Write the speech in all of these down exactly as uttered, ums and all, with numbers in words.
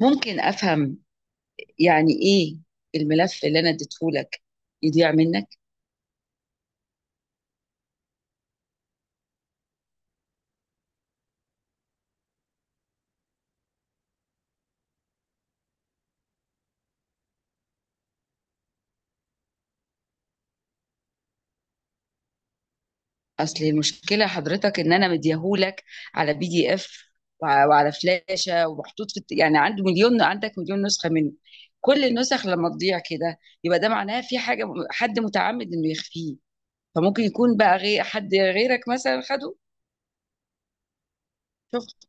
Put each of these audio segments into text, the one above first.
ممكن افهم يعني ايه الملف اللي انا اديتهولك يضيع منك؟ اصل المشكله حضرتك ان انا مديهولك على بي دي اف، وع- وعلى فلاشه ومحطوط في الت- يعني عنده مليون عندك مليون نسخه منه. كل النسخ لما تضيع كده، يبقى ده معناه في حاجه، حد متعمد انه يخفيه. فممكن يكون بقى غير حد غيرك مثلا خده. شفت؟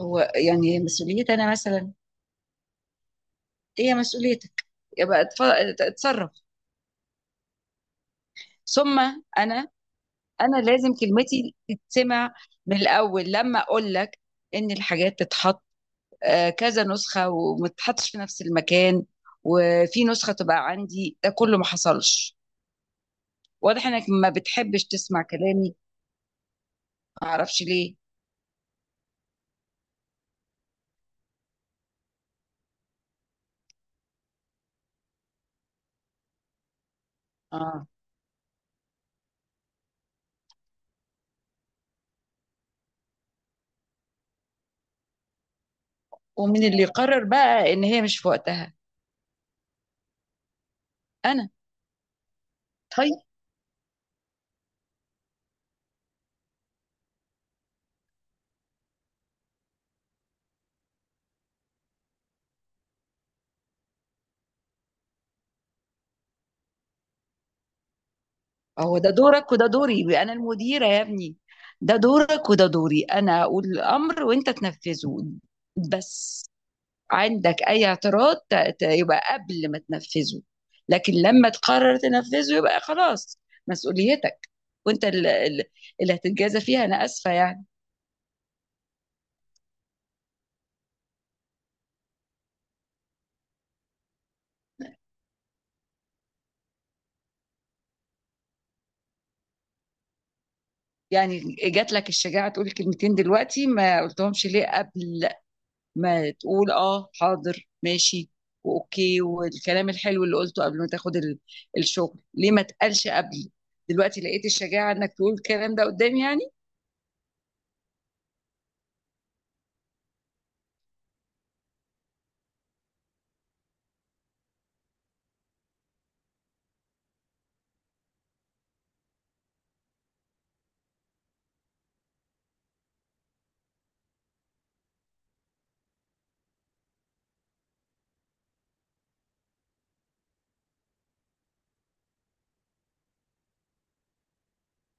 هو يعني هي مسؤوليتي انا مثلا؟ إيه هي مسؤوليتك؟ يبقى اتف- اتصرف. ثم انا انا لازم كلمتي تتسمع، من الاول لما اقول لك ان الحاجات تتحط آه، كذا نسخه وما تتحطش في نفس المكان، وفي نسخه تبقى عندي، ده كله ما حصلش. واضح انك ما بتحبش تسمع كلامي، ما اعرفش ليه. اه. ومن اللي قرر بقى ان هي مش في وقتها؟ انا. طيب. هو ده دورك وده دوري، انا المديره يا ابني. ده دورك وده دوري، انا اقول الامر وانت تنفذه، بس. عندك اي اعتراض ت- ت- يبقى قبل ما تنفذه، لكن لما تقرر تنفذه يبقى خلاص مسؤوليتك، وانت ال- ال- اللي هتتجازى فيها، انا اسفه يعني. يعني جات لك الشجاعه تقول كلمتين دلوقتي، ما قلتهمش ليه قبل؟ ما تقول اه حاضر ماشي واوكي، والكلام الحلو اللي قلته قبل ما تاخد ال- الشغل، ليه ما تقالش قبل؟ دلوقتي لقيت الشجاعه انك تقول الكلام ده قدامي يعني.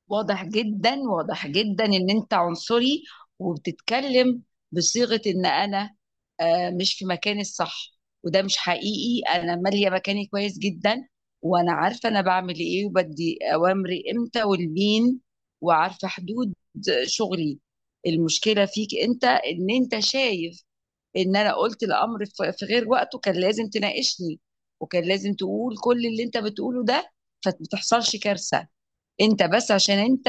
واضح جدا، واضح جدا ان انت عنصري، وبتتكلم بصيغة ان انا آه، مش في مكاني الصح، وده مش حقيقي. انا مالية مكاني كويس جدا، وانا عارفة انا بعمل ايه، وبدي اوامري امتى والمين، وعارفة حدود شغلي. المشكلة فيك انت ان انت شايف ان انا قلت الامر في في غير وقته، كان لازم تناقشني، وكان لازم تقول كل اللي انت بتقوله ده، فما تحصلش كارثة. انت بس عشان انت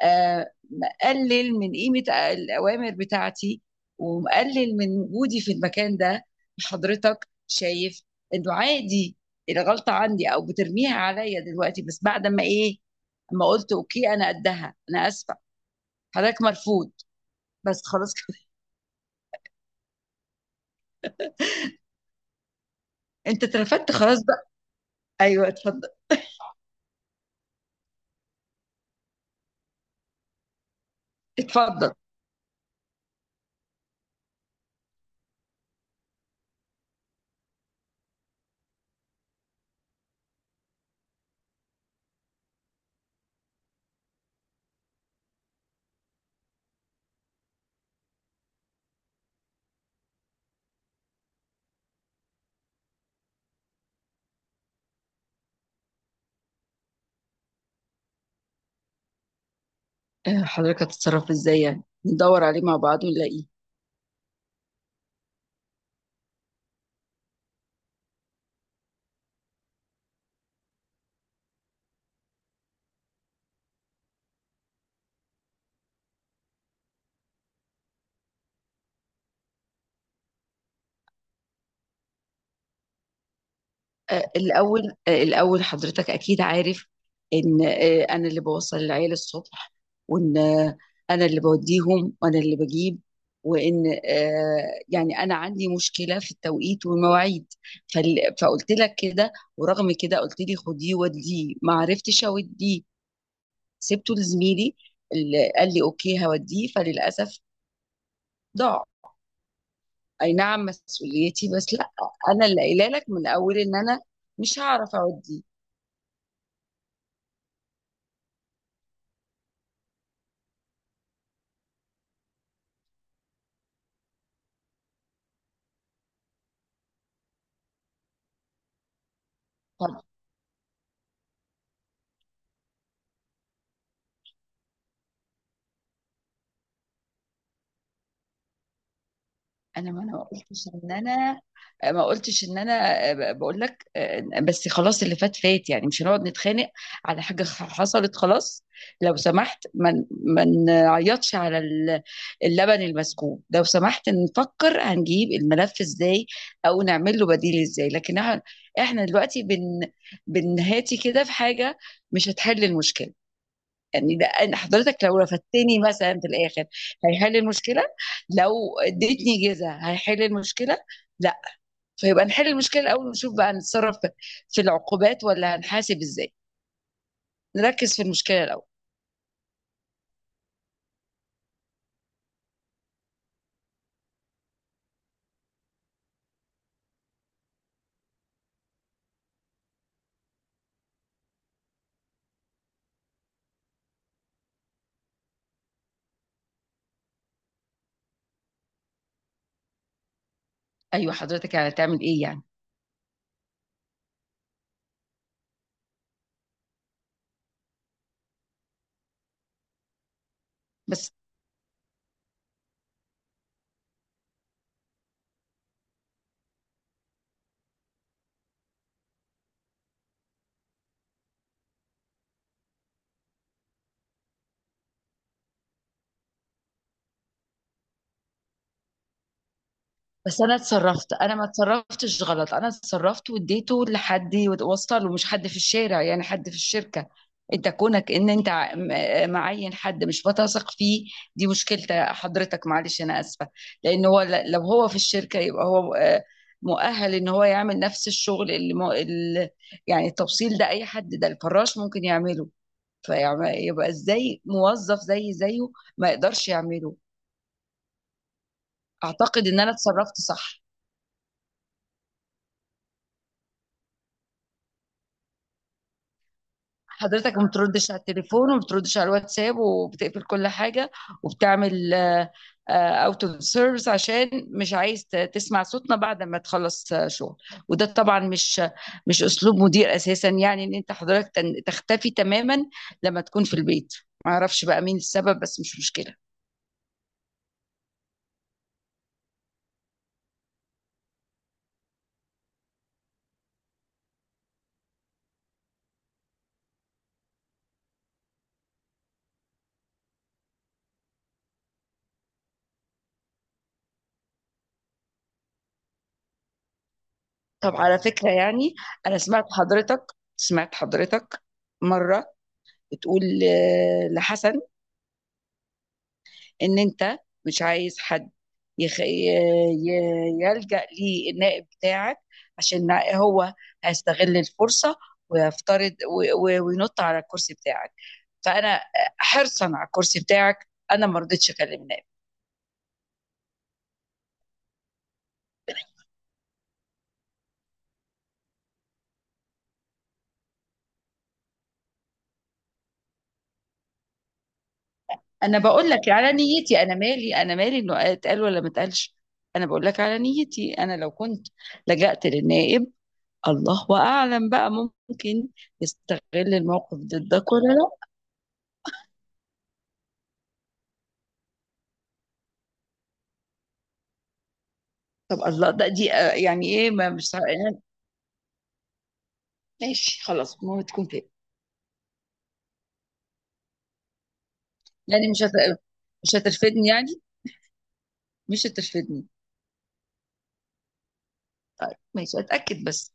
آه، مقلل من قيمة الأوامر بتاعتي، ومقلل من وجودي في المكان ده. حضرتك شايف إنه عادي الغلطة عندي، أو بترميها عليا دلوقتي، بس بعد ما إيه؟ ما قلت أوكي، أنا قدها، أنا آسفة حضرتك، مرفوض. بس خلاص كده. أنت اترفدت خلاص بقى. أيوه اتفضل. اتفضل. آه، حضرتك هتتصرف إزاي؟ يعني ندور عليه مع بعض ونلاقيه. آه، الأول آه، الأول حضرتك أكيد عارف إن آه، أنا اللي بوصل العيال الصبح، وإن آه، أنا اللي بوديهم وأنا اللي بجيب، وإن آه، يعني أنا عندي مشكلة في التوقيت والمواعيد. فال- فقلت لك كده، ورغم كده قلت لي خديه وديه، ما عرفتش أوديه، سبته لزميلي اللي قال لي أوكي هوديه، فللأسف ضاع. أي نعم مسؤوليتي، بس لا، أنا اللي قايله لك من الأول إن أنا مش هعرف أوديه. انا ما انا ما قلتش ان انا ما قلتش ان انا آه، بقول لك آه، بس خلاص، اللي فات فات، يعني مش هنقعد نتخانق على حاجه حصلت خلاص. لو سمحت، ما ن- ما نعيطش على ال- اللبن المسكوب. لو سمحت نفكر هنجيب الملف ازاي، او نعمل له بديل ازاي، لكن إح- احنا دلوقتي بن بنهاتي كده في حاجه مش هتحل المشكله. يعني ده أنا- حضرتك لو رفدتني مثلا في الاخر، هيحل المشكله؟ لو اديتني جزا هيحل المشكله؟ لا. فيبقى نحل المشكله الاول، ونشوف بقى هنتصرف في العقوبات ولا هنحاسب ازاي. نركز في المشكله الاول. ايوه حضرتك يعني هتعمل ايه يعني؟ بس بس انا اتصرفت، انا ما اتصرفتش غلط، انا اتصرفت واديته لحد وصل، ومش حد في الشارع يعني، حد في الشركه. انت كونك ان انت ع- م- معين حد مش بتثق فيه، دي مشكلة حضرتك معلش انا اسفه. لان هو ل- لو هو في الشركه يبقى هو آه، مؤهل ان هو يعمل نفس الشغل اللي مو- ال- يعني التوصيل ده، اي حد، ده الفراش ممكن يعمله. فيبقى ازاي موظف زي زيه ما يقدرش يعمله؟ اعتقد ان انا اتصرفت صح. حضرتك ما بتردش على التليفون، وما بتردش على الواتساب، وبتقفل كل حاجة، وبتعمل اوت اوف سيرفيس عشان مش عايز ت- تسمع صوتنا بعد ما تخلص آه، شغل. وده طبعا مش مش اسلوب مدير اساسا. يعني ان انت حضرتك تن- تختفي تماما لما تكون في البيت. ما اعرفش بقى مين السبب، بس مش مشكلة. طب على فكرة يعني، انا سمعت حضرتك سمعت حضرتك مرة بتقول آه، لحسن ان انت مش عايز حد يخ... ي- ي- يلجأ ليه النائب بتاعك، عشان هو هيستغل الفرصة ويفترض و- و- وينط على الكرسي بتاعك. فأنا حرصا على الكرسي بتاعك، أنا ما رضيتش أكلم نائب. أنا بقول لك على نيتي، أنا مالي أنا مالي إنه اتقال ولا ما اتقالش. أنا بقول لك على نيتي، أنا لو كنت لجأت للنائب، الله أعلم بقى، ممكن يستغل الموقف ضدك ولا لا. طب الله، ده دي آه، يعني ايه؟ ما مش ه- يعني، ماشي خلاص، ما هو تكون كده. يعني مش هت... مش هترفدني يعني، مش هترفدني؟ طيب، ماشي، اتاكد بس.